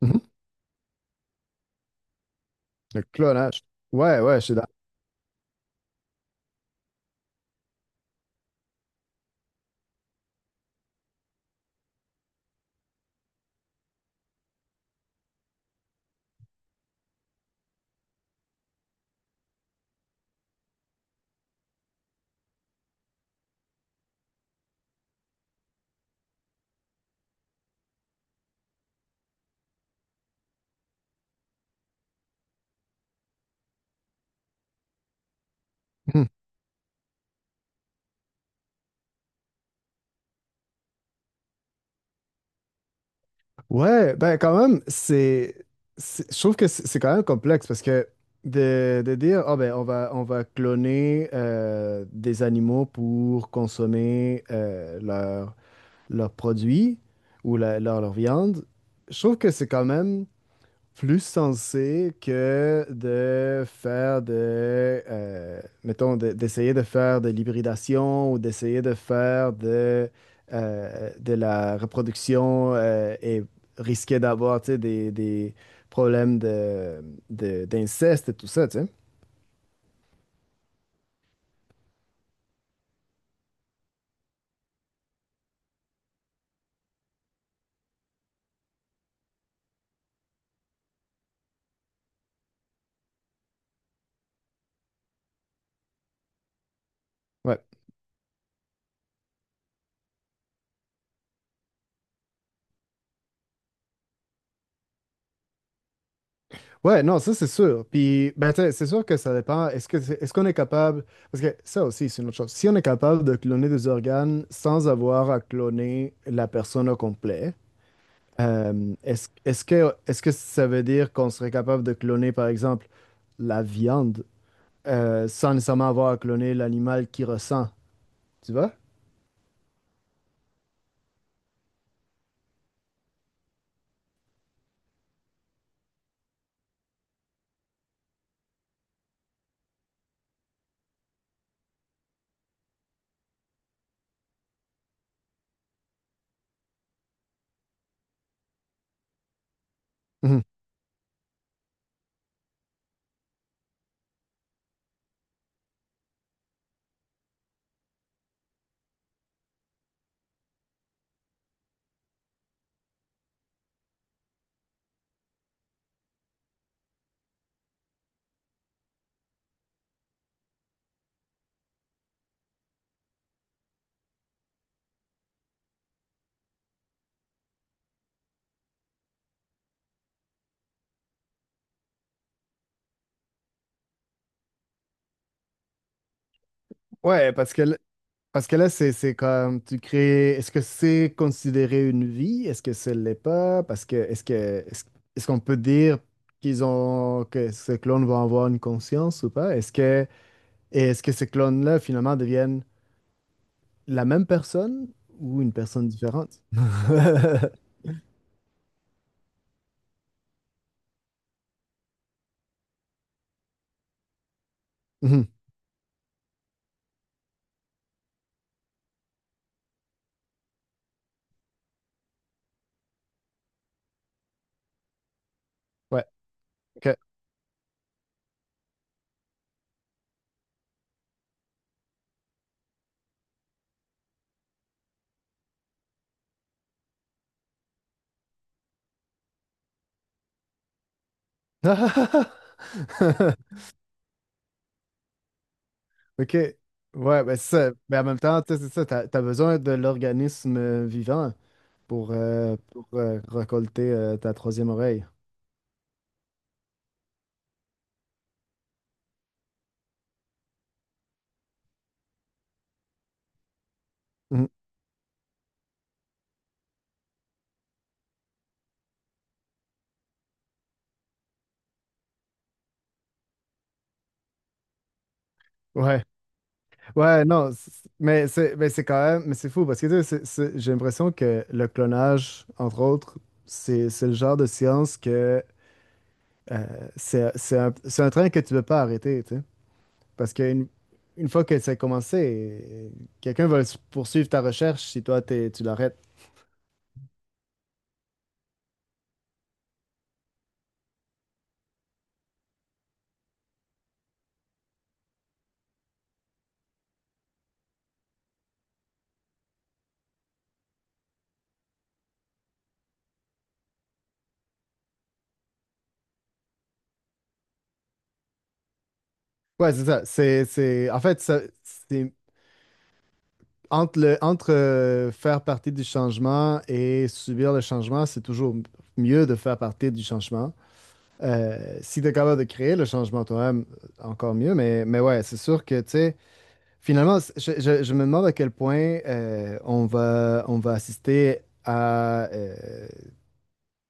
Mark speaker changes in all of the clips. Speaker 1: Mhm. Le clonage. Ouais, ouais, je suis d'accord. Mhm. Ouais, ben quand même, je trouve que c'est quand même complexe parce que de dire, ah ben on va cloner des animaux pour consommer leurs produits ou leur viande, je trouve que c'est quand même plus sensé que de faire mettons, d'essayer de faire de l'hybridation ou d'essayer de faire de la reproduction et risquer d'avoir, tu sais, des problèmes d'inceste et tout ça, tu sais. Ouais. Ouais, non, ça c'est sûr. Puis, ben, tu sais, c'est sûr que ça dépend. Est-ce qu'on est capable, parce que ça aussi, c'est une autre chose. Si on est capable de cloner des organes sans avoir à cloner la personne au complet. Est-ce que ça veut dire qu'on serait capable de cloner, par exemple, la viande sans nécessairement avoir à cloner l'animal qui ressent, tu vois? Mhm. Ouais, parce que, parce que là, c'est comme tu crées. Est-ce que c'est considéré une vie? Est-ce que ce l'est pas? Parce que est-ce, est-ce qu'on peut dire qu'ils ont que ces clones vont avoir une conscience ou pas? Est-ce que ces clones-là finalement deviennent la même personne ou une personne différente? Ouais, ok. Ok, ouais, ben c'est ça. Mais en même temps, tu sais, c'est ça, t'as besoin de l'organisme vivant pour récolter ta troisième oreille. Mhm. Ouais, ouais, non, mais c'est quand même, mais c'est fou parce que tu sais, j'ai l'impression que le clonage, entre autres, c'est le genre de science que c'est un train que tu ne peux pas arrêter, tu sais. Parce qu'une une fois que ça a commencé, quelqu'un va poursuivre ta recherche si tu l'arrêtes. Ouais, c'est ça. En fait, ça, c'est entre faire partie du changement et subir le changement, c'est toujours mieux de faire partie du changement. Si tu es capable de créer le changement toi-même, encore mieux. Mais ouais, c'est sûr que, tu sais, finalement, je me demande à quel point on va assister à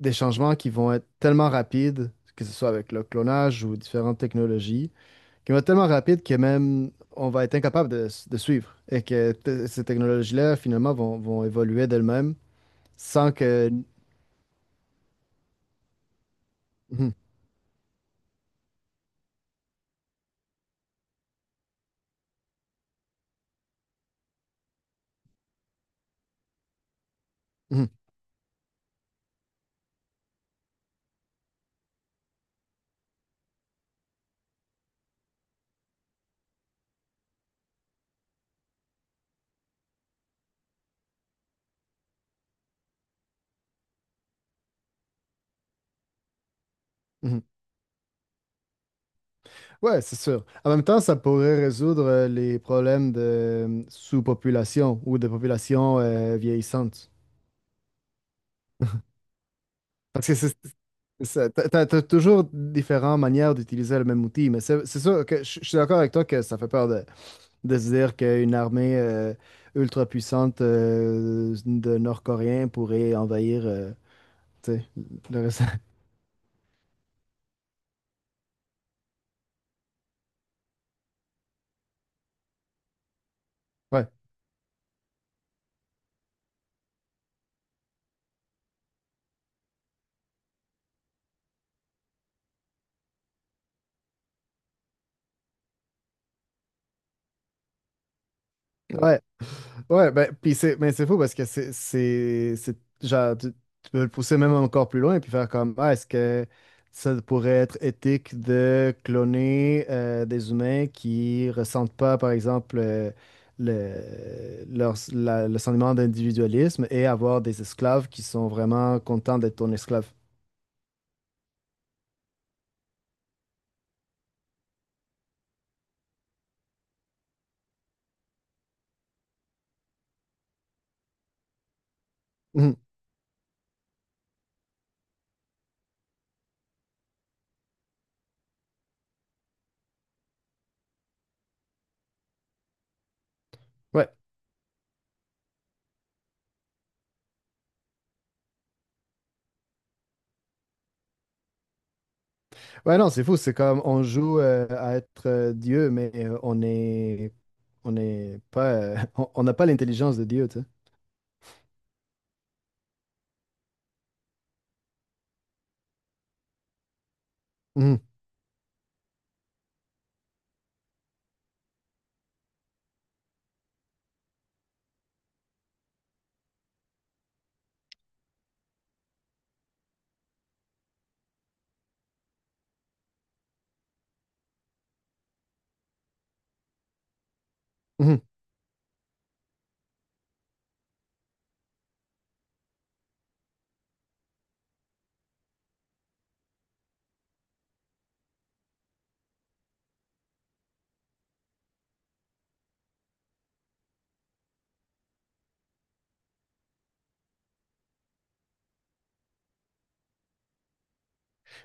Speaker 1: des changements qui vont être tellement rapides, que ce soit avec le clonage ou différentes technologies, qui vont être tellement rapides que même on va être incapable de suivre et que ces technologies-là, finalement, vont évoluer d'elles-mêmes sans que... Mhm, mhm, mhm. Ouais, c'est sûr. En même temps, ça pourrait résoudre les problèmes de sous-population ou de population vieillissante. Parce que c'est ça. T'as toujours différentes manières d'utiliser le même outil, mais c'est sûr que je suis d'accord avec toi que ça fait peur de se dire qu'une armée ultra puissante de Nord-Coréens pourrait envahir tu sais, le reste. Ouais, ouais, ouais. Ben, puis c'est, mais c'est fou parce que genre, tu peux le pousser même encore plus loin et puis faire comme, ah, est-ce que ça pourrait être éthique de cloner des humains qui ressentent pas, par exemple, le sentiment d'individualisme et avoir des esclaves qui sont vraiment contents d'être ton esclave. Mm. Ouais. Ouais, non, c'est fou. C'est comme on joue à être Dieu, mais on n'est pas on n'a pas l'intelligence de Dieu, tu sais. Mhm. Mhm.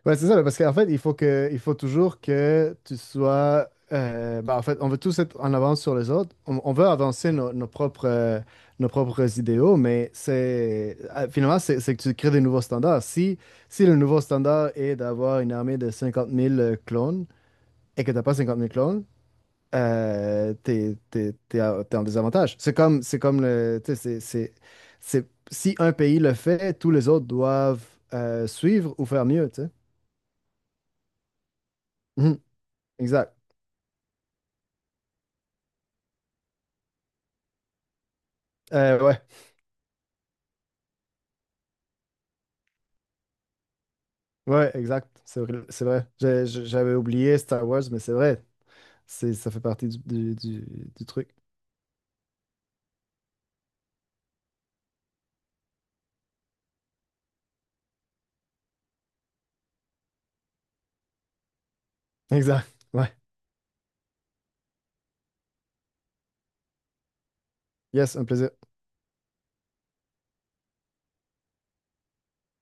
Speaker 1: Ouais, c'est ça, là, parce qu'en fait, il faut toujours que tu sois bah, en fait, on veut tous être en avance sur les autres. On veut avancer nos propres idéaux, mais c'est finalement c'est que tu crées des nouveaux standards. Si si le nouveau standard est d'avoir une armée de 50 000 clones et que t'as pas 50 000 clones, t'es en désavantage. C'est comme le, tu sais, si un pays le fait, tous les autres doivent suivre ou faire mieux, tu sais. Mhm, exact. Ouais, ouais, exact. C'est vrai. C'est vrai. J'avais oublié Star Wars, mais c'est vrai. C'est, ça fait partie du truc. Exact. Ouais. Yes, un plaisir.